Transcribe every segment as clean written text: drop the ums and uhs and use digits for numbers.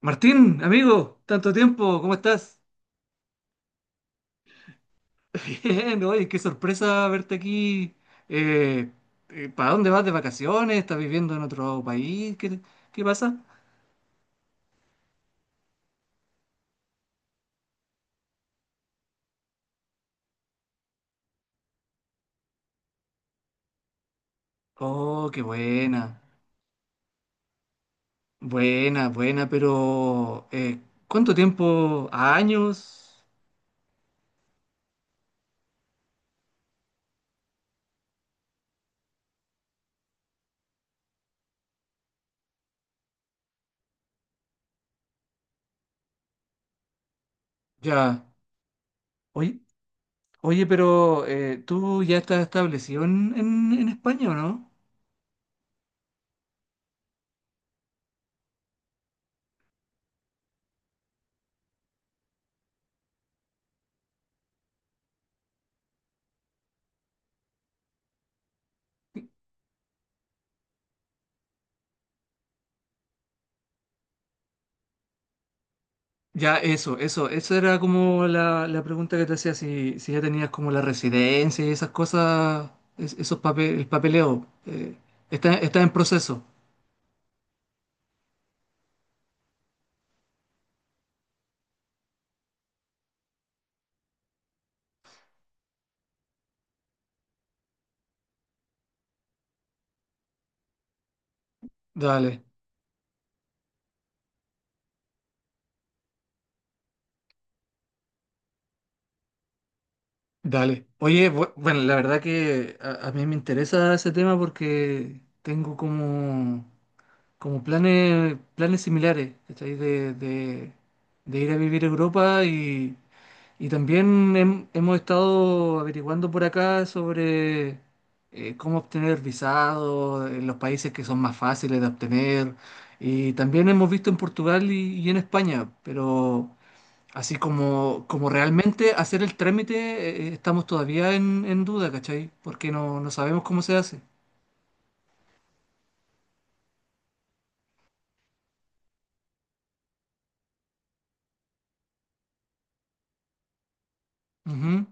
Martín, amigo, tanto tiempo, ¿cómo estás? Bien, oye, qué sorpresa verte aquí. Eh, ¿Para dónde vas de vacaciones? ¿Estás viviendo en otro país? ¿Qué pasa? Oh, qué buena, buena, buena, pero ¿cuánto tiempo? ¿Años? Ya. Oye, oye, pero ¿tú ya estás establecido en España o no? Ya, eso, esa era como la pregunta que te hacía, si ya tenías como la residencia y esas cosas, esos papeles, el papeleo, está, está en proceso. Dale, dale. Oye, bueno, la verdad que a mí me interesa ese tema porque tengo como, como planes, planes similares, ¿cachai? De ir a vivir a Europa. Y también hemos estado averiguando por acá sobre cómo obtener visados en los países que son más fáciles de obtener. Y también hemos visto en Portugal y en España, pero así como, como realmente hacer el trámite, estamos todavía en duda, ¿cachai? Porque no, no sabemos cómo se hace. Ujú.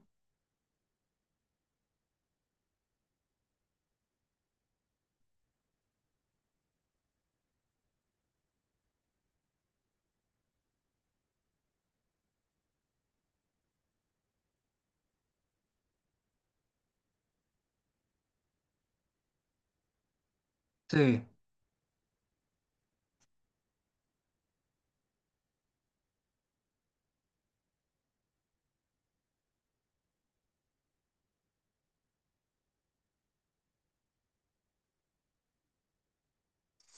Sí.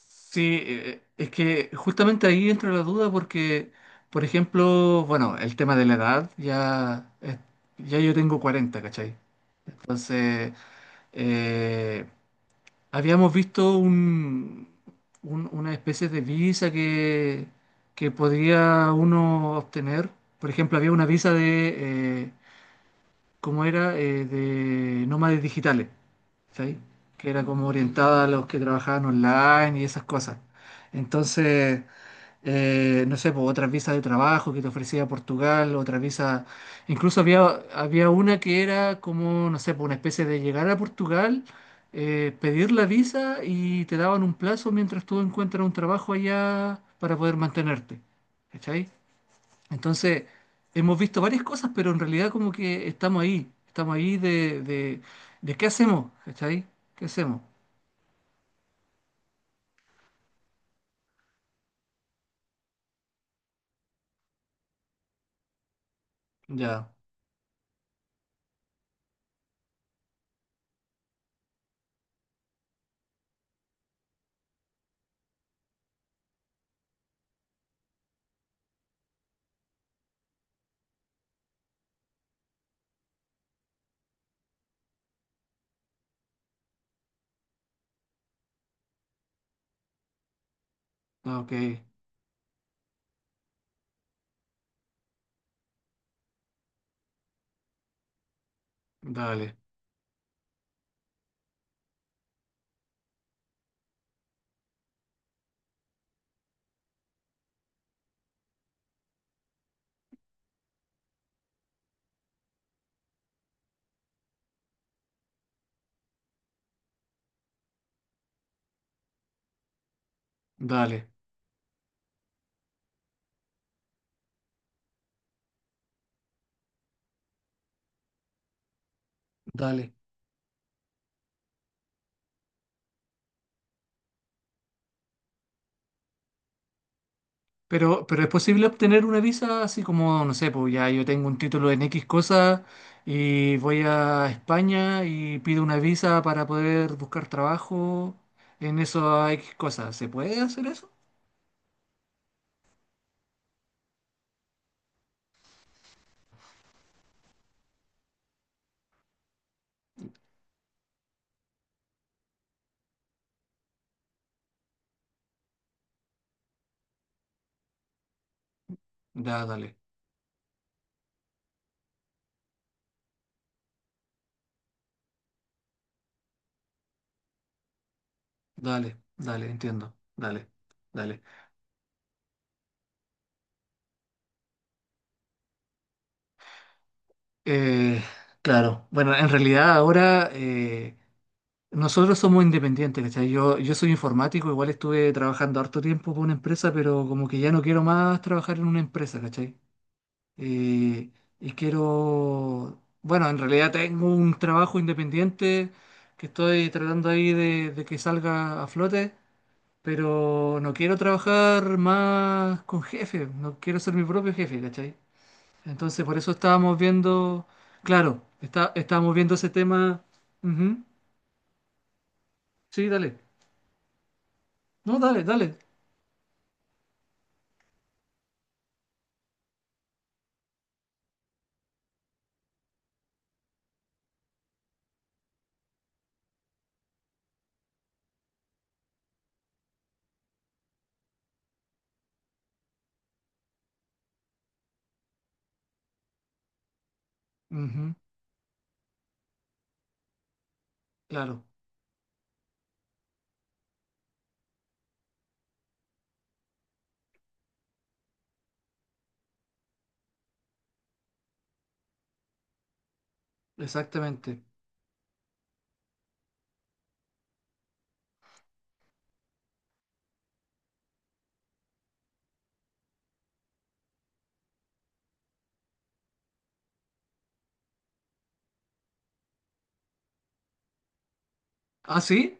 Sí, es que justamente ahí entra la duda porque, por ejemplo, bueno, el tema de la edad, ya, ya yo tengo 40, ¿cachai? Entonces, eh, habíamos visto un, una especie de visa que podía uno obtener. Por ejemplo, había una visa de como era de nómades digitales, ¿sí? Que era como orientada a los que trabajaban online y esas cosas. Entonces, no sé, pues, otras visas de trabajo que te ofrecía Portugal, otras visas, incluso había, había una que era como, no sé, pues, una especie de llegar a Portugal, pedir la visa y te daban un plazo mientras tú encuentras un trabajo allá para poder mantenerte, ¿cachai? Entonces, hemos visto varias cosas, pero en realidad como que estamos ahí de qué hacemos, ¿cachai? ¿Qué hacemos? Ya, ok, dale, dale, dale. Pero ¿es posible obtener una visa así como, no sé, pues ya yo tengo un título en X cosa y voy a España y pido una visa para poder buscar trabajo en eso X cosas? ¿Se puede hacer eso? Ya, dale, dale, dale, entiendo, dale, dale. Eh, claro, bueno, en realidad ahora nosotros somos independientes, ¿cachai? Yo soy informático, igual estuve trabajando harto tiempo por una empresa, pero como que ya no quiero más trabajar en una empresa, ¿cachai? Eh, y quiero, bueno, en realidad tengo un trabajo independiente que estoy tratando ahí de que salga a flote, pero no quiero trabajar más con jefe, no quiero ser mi propio jefe, ¿cachai? Entonces, por eso estábamos viendo, claro, está, estábamos viendo ese tema. Ujú. Sí, dale. No, dale, dale. Ujú. Claro, exactamente. ¿Ah, sí?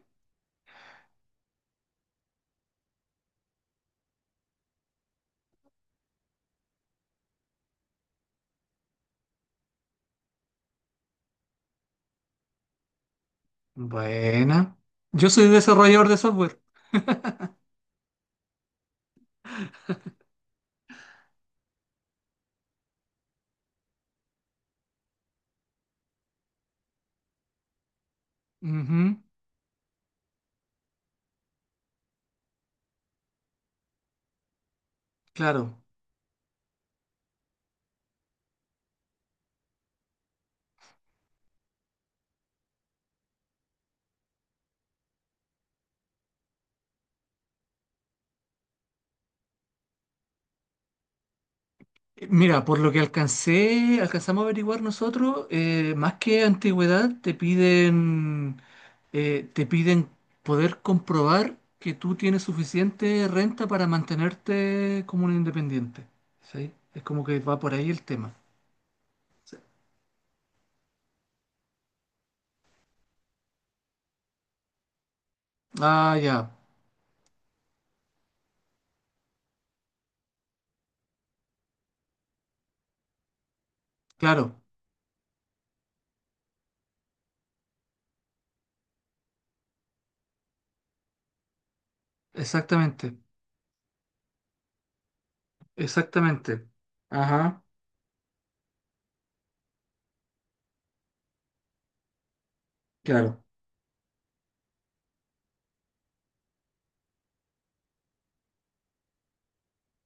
Buena. Yo soy desarrollador de software. Ujú. Claro. Mira, por lo que alcancé, alcanzamos a averiguar nosotros, más que antigüedad, te piden poder comprobar que tú tienes suficiente renta para mantenerte como un independiente. ¿Sí? Es como que va por ahí el tema. Ah, ya, claro, exactamente, exactamente. Ajá, claro,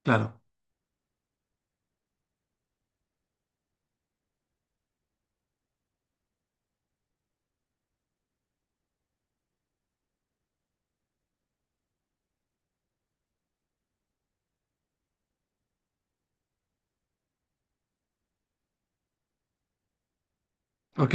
claro. ¿Ok?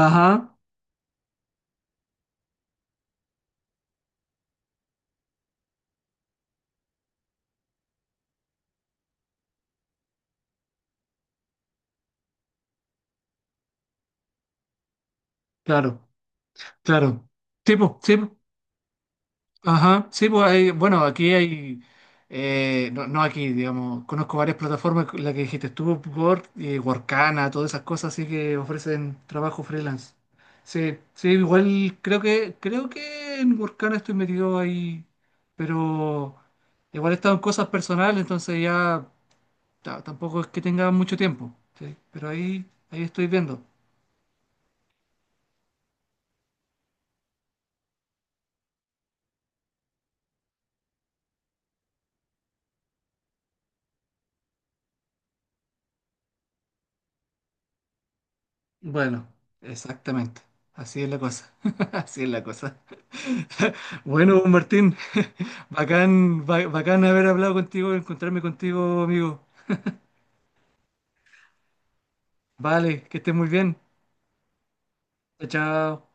Ajá, claro, claro. Tipo, sí. Ajá, sí, pues hay, bueno, aquí hay, no, no aquí, digamos, conozco varias plataformas, la que dijiste tú, Upwork, Workana, todas esas cosas así que ofrecen trabajo freelance. Sí, sí, igual creo que en Workana estoy metido ahí, pero igual he estado en cosas personales, entonces ya tampoco es que tenga mucho tiempo, sí, pero ahí, ahí estoy viendo. Bueno, exactamente, así es la cosa, así es la cosa. Bueno, pues, Martín, bacán, bacán haber hablado contigo, encontrarme contigo, amigo. Vale, que estés muy bien. Chao, chao.